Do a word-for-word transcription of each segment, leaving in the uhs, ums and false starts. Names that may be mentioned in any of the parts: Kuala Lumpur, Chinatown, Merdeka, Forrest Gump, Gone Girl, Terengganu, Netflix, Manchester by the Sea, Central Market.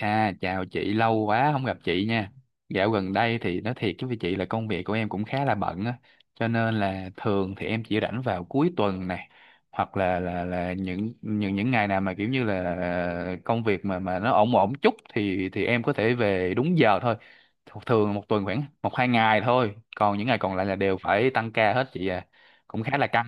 À, chào chị, lâu quá không gặp chị nha. Dạo gần đây thì nói thiệt với chị là công việc của em cũng khá là bận á, cho nên là thường thì em chỉ rảnh vào cuối tuần này hoặc là là là những những những ngày nào mà kiểu như là ờ, công việc mà mà nó ổn ổn chút thì thì em có thể về đúng giờ thôi. Th- Thường một tuần khoảng một hai ngày thôi, còn những ngày còn lại là đều phải tăng ca hết chị à. Cũng khá là căng.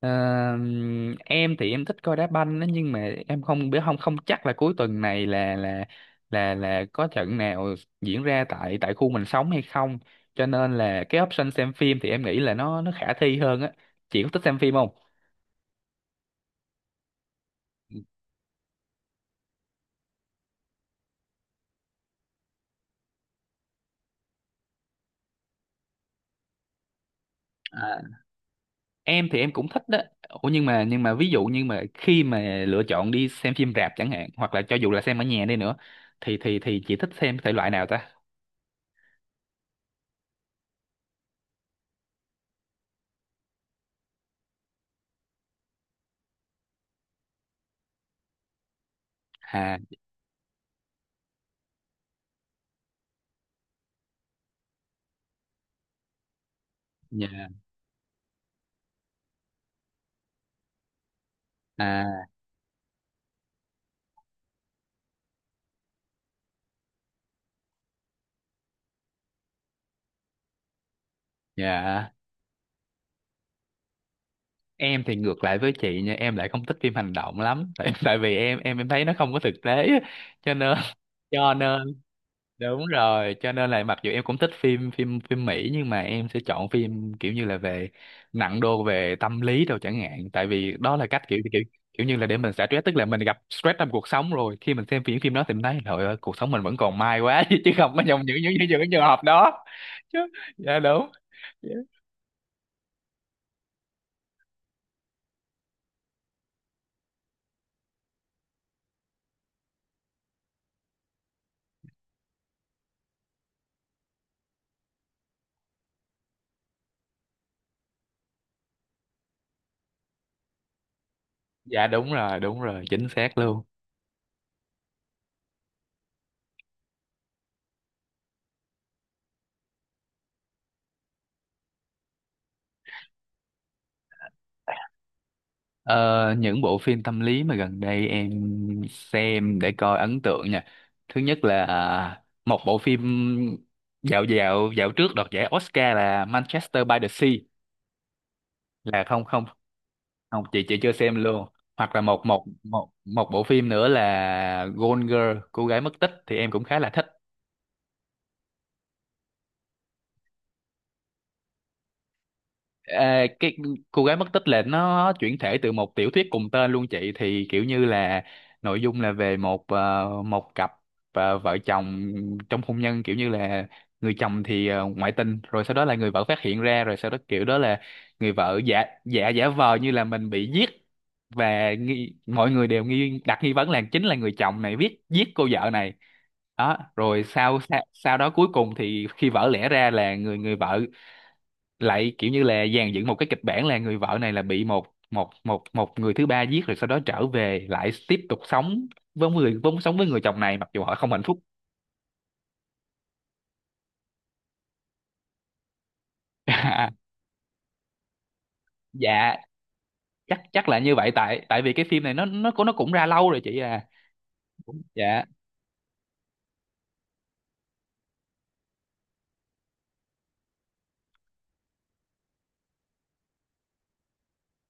Ờ, em thì em thích coi đá banh đó, nhưng mà em không biết, không không chắc là cuối tuần này là là là là có trận nào diễn ra tại tại khu mình sống hay không, cho nên là cái option xem phim thì em nghĩ là nó nó khả thi hơn á. Chị có thích xem phim không? À, em thì em cũng thích đó. Ủa nhưng mà nhưng mà ví dụ, nhưng mà khi mà lựa chọn đi xem phim rạp chẳng hạn, hoặc là cho dù là xem ở nhà đi nữa, thì thì thì chị thích xem thể loại nào ta? À. Dạ. À. Dạ. Em thì ngược lại với chị nha, em lại không thích phim hành động lắm tại tại vì em em em thấy nó không có thực tế á. Cho nên cho nên đúng rồi, cho nên là mặc dù em cũng thích phim phim phim Mỹ, nhưng mà em sẽ chọn phim kiểu như là về nặng đô về tâm lý đâu chẳng hạn, tại vì đó là cách kiểu kiểu kiểu như là để mình xả stress. Tức là mình gặp stress trong cuộc sống, rồi khi mình xem phim phim đó thì mình thấy trời ơi, cuộc sống mình vẫn còn may quá, chứ không có trong những những những những trường hợp đó chứ. Dạ đúng. Dạ đúng rồi, đúng rồi, chính xác luôn. Ờ, những bộ phim tâm lý mà gần đây em xem để coi ấn tượng nha. Thứ nhất là à, một bộ phim dạo dạo dạo trước đoạt giải Oscar là Manchester by the Sea, là không, không, không, chị chị chưa xem luôn. Hoặc là một một một một bộ phim nữa là Gone Girl, cô gái mất tích, thì em cũng khá là thích. À, cái cô gái mất tích là nó chuyển thể từ một tiểu thuyết cùng tên luôn chị, thì kiểu như là nội dung là về một, ờ, một cặp, ờ, vợ chồng trong hôn nhân, kiểu như là người chồng thì ờ, ngoại tình, rồi sau đó là người vợ phát hiện ra, rồi sau đó kiểu đó là người vợ giả giả giả vờ như là mình bị giết, và nghi, mọi người đều nghi, đặt nghi vấn là chính là người chồng này viết giết cô vợ này. Đó, rồi sau sau, sau đó cuối cùng thì khi vỡ lẽ ra là người người vợ lại kiểu như là dàn dựng một cái kịch bản, là người vợ này là bị một một một một người thứ ba giết, rồi sau đó trở về lại tiếp tục sống với người, vốn sống với người chồng này mặc dù họ không hạnh phúc. À, dạ, chắc chắc là như vậy, tại tại vì cái phim này nó nó cũng nó cũng ra lâu rồi chị à. Dạ.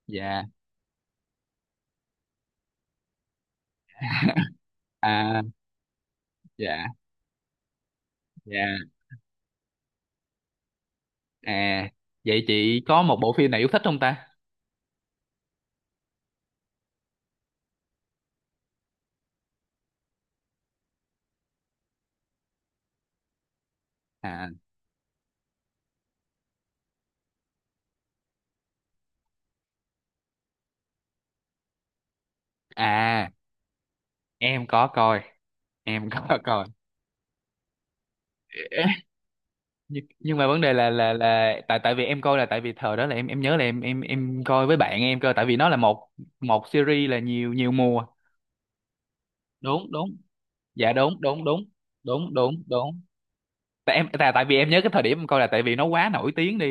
Dạ. À. Dạ. Dạ. À. vậy chị có một bộ phim nào yêu thích không ta? À. À. Em có coi. Em có coi. Nhưng, nhưng mà vấn đề là là là tại tại vì em coi là tại vì thời đó là em em nhớ là em em em coi với bạn em cơ, tại vì nó là một một series, là nhiều nhiều mùa. Đúng, đúng. Dạ đúng, đúng, đúng. Đúng, đúng, đúng. Tại em tại tại vì em nhớ cái thời điểm em coi là tại vì nó quá nổi tiếng đi,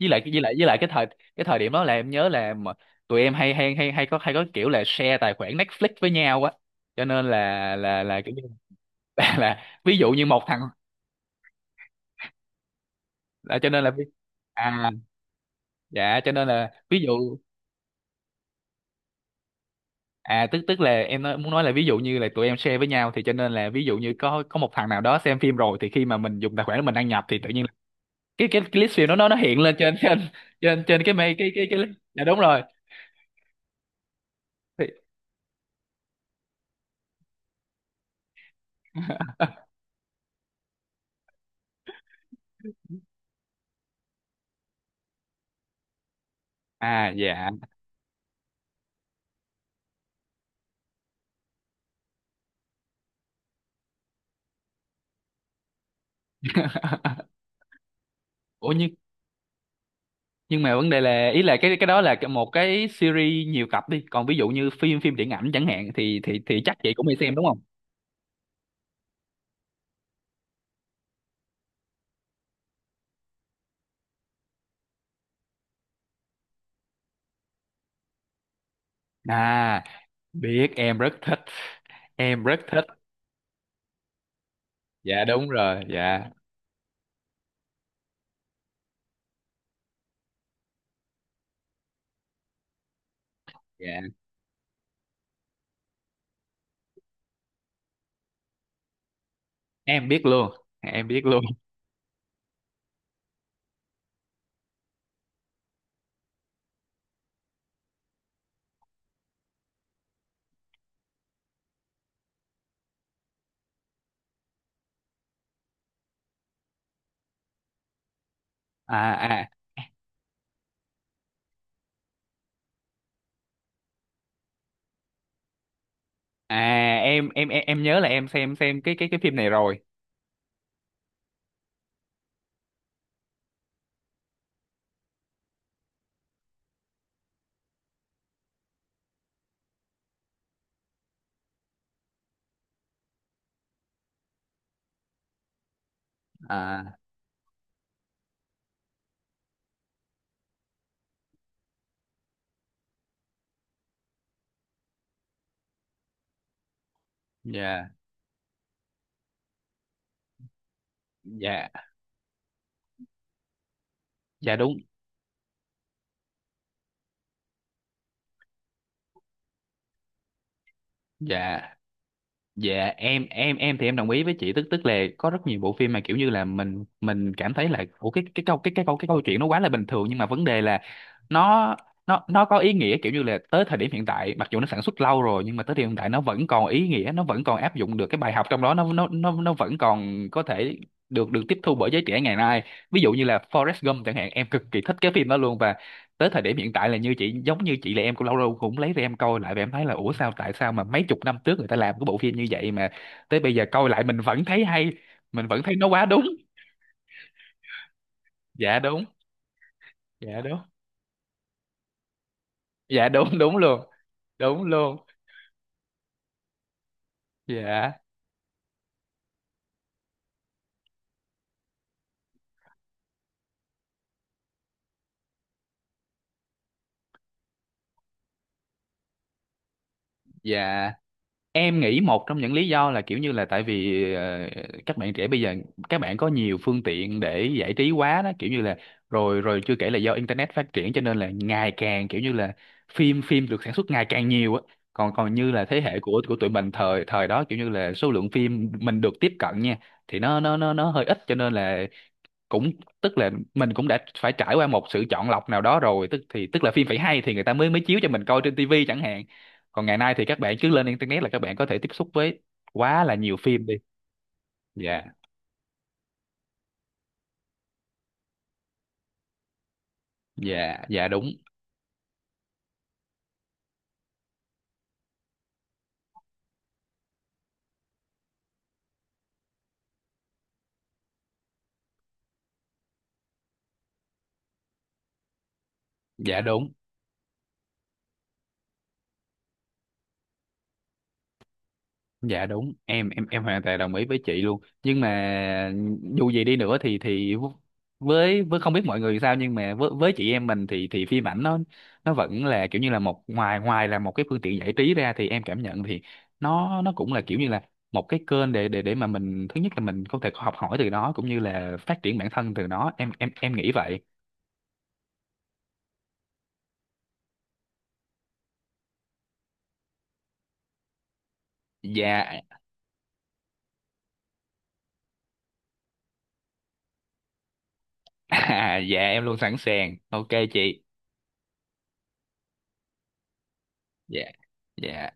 với lại với lại với lại cái thời cái thời điểm đó là em nhớ là mà tụi em hay hay hay hay có hay có kiểu là share tài khoản Netflix với nhau á, cho nên là là là kiểu như là, là ví dụ như một thằng là, cho nên là vi- à dạ, cho nên là ví dụ. À, tức tức là em nói, muốn nói là, ví dụ như là tụi em share với nhau, thì cho nên là ví dụ như có có một thằng nào đó xem phim rồi, thì khi mà mình dùng tài khoản của mình đăng nhập thì tự nhiên là- cái cái, cái list phim đó nó nó hiện lên trên, trên trên trên cái mây, cái cái cái list. Dạ đúng rồi. Thì, à, dạ. Ủa nhưng nhưng mà vấn đề là, ý là cái cái đó là cái- một cái series nhiều tập đi, còn ví dụ như phim phim điện ảnh chẳng hạn thì thì thì chắc chị cũng hay xem đúng không? À biết, em rất thích, em rất thích. Dạ đúng rồi, dạ. Dạ. Em biết luôn, em biết luôn. À. À. À. em em em em nhớ là em xem xem cái cái cái phim này rồi. À. Dạ. Dạ. Dạ đúng. Dạ. Dạ, em em em thì em đồng ý với chị, tức tức là có rất nhiều bộ phim mà kiểu như là mình mình cảm thấy là ủa, cái cái câu cái cái câu cái câu chuyện nó quá là bình thường, nhưng mà vấn đề là nó nó nó có ý nghĩa, kiểu như là tới thời điểm hiện tại, mặc dù nó sản xuất lâu rồi nhưng mà tới thời điểm hiện tại nó vẫn còn ý nghĩa, nó vẫn còn áp dụng được cái bài học trong đó, nó nó nó nó vẫn còn có thể được được tiếp thu bởi giới trẻ ngày nay. Ví dụ như là Forrest Gump chẳng hạn, em cực kỳ thích cái phim đó luôn, và tới thời điểm hiện tại là như chị giống như chị, là em cũng lâu lâu cũng lấy ra em coi lại, và em thấy là ủa, sao tại sao mà mấy chục năm trước người ta làm cái bộ phim như vậy mà tới bây giờ coi lại mình vẫn thấy hay, mình vẫn thấy nó quá đúng. Dạ đúng. Dạ đúng. Dạ đúng, đúng luôn. Đúng luôn. Dạ. Dạ, em nghĩ một trong những lý do là kiểu như là tại vì ờ, các bạn trẻ bây giờ các bạn có nhiều phương tiện để giải trí quá đó, kiểu như là rồi rồi chưa kể là do internet phát triển, cho nên là ngày càng kiểu như là phim phim được sản xuất ngày càng nhiều á. Còn Còn như là thế hệ của của tụi mình thời thời đó, kiểu như là số lượng phim mình được tiếp cận nha, thì nó nó nó nó hơi ít, cho nên là cũng tức là mình cũng đã phải trải qua một sự chọn lọc nào đó rồi, tức thì tức là phim phải hay thì người ta mới mới chiếu cho mình coi trên tivi chẳng hạn, còn ngày nay thì các bạn cứ lên internet là các bạn có thể tiếp xúc với quá là nhiều phim đi. Dạ. Dạ. Dạ đúng. Dạ đúng. Dạ đúng, em em em hoàn toàn đồng ý với chị luôn, nhưng mà dù gì đi nữa thì thì với với không biết mọi người sao, nhưng mà với với chị em mình thì thì phim ảnh nó nó vẫn là kiểu như là một, ngoài ngoài là một cái phương tiện giải trí ra, thì em cảm nhận thì nó nó cũng là kiểu như là một cái kênh để để để mà mình, thứ nhất là mình có thể học hỏi từ nó, cũng như là phát triển bản thân từ nó, em em em nghĩ vậy. Dạ. À, dạ em luôn sẵn sàng, ok chị. Dạ. Dạ.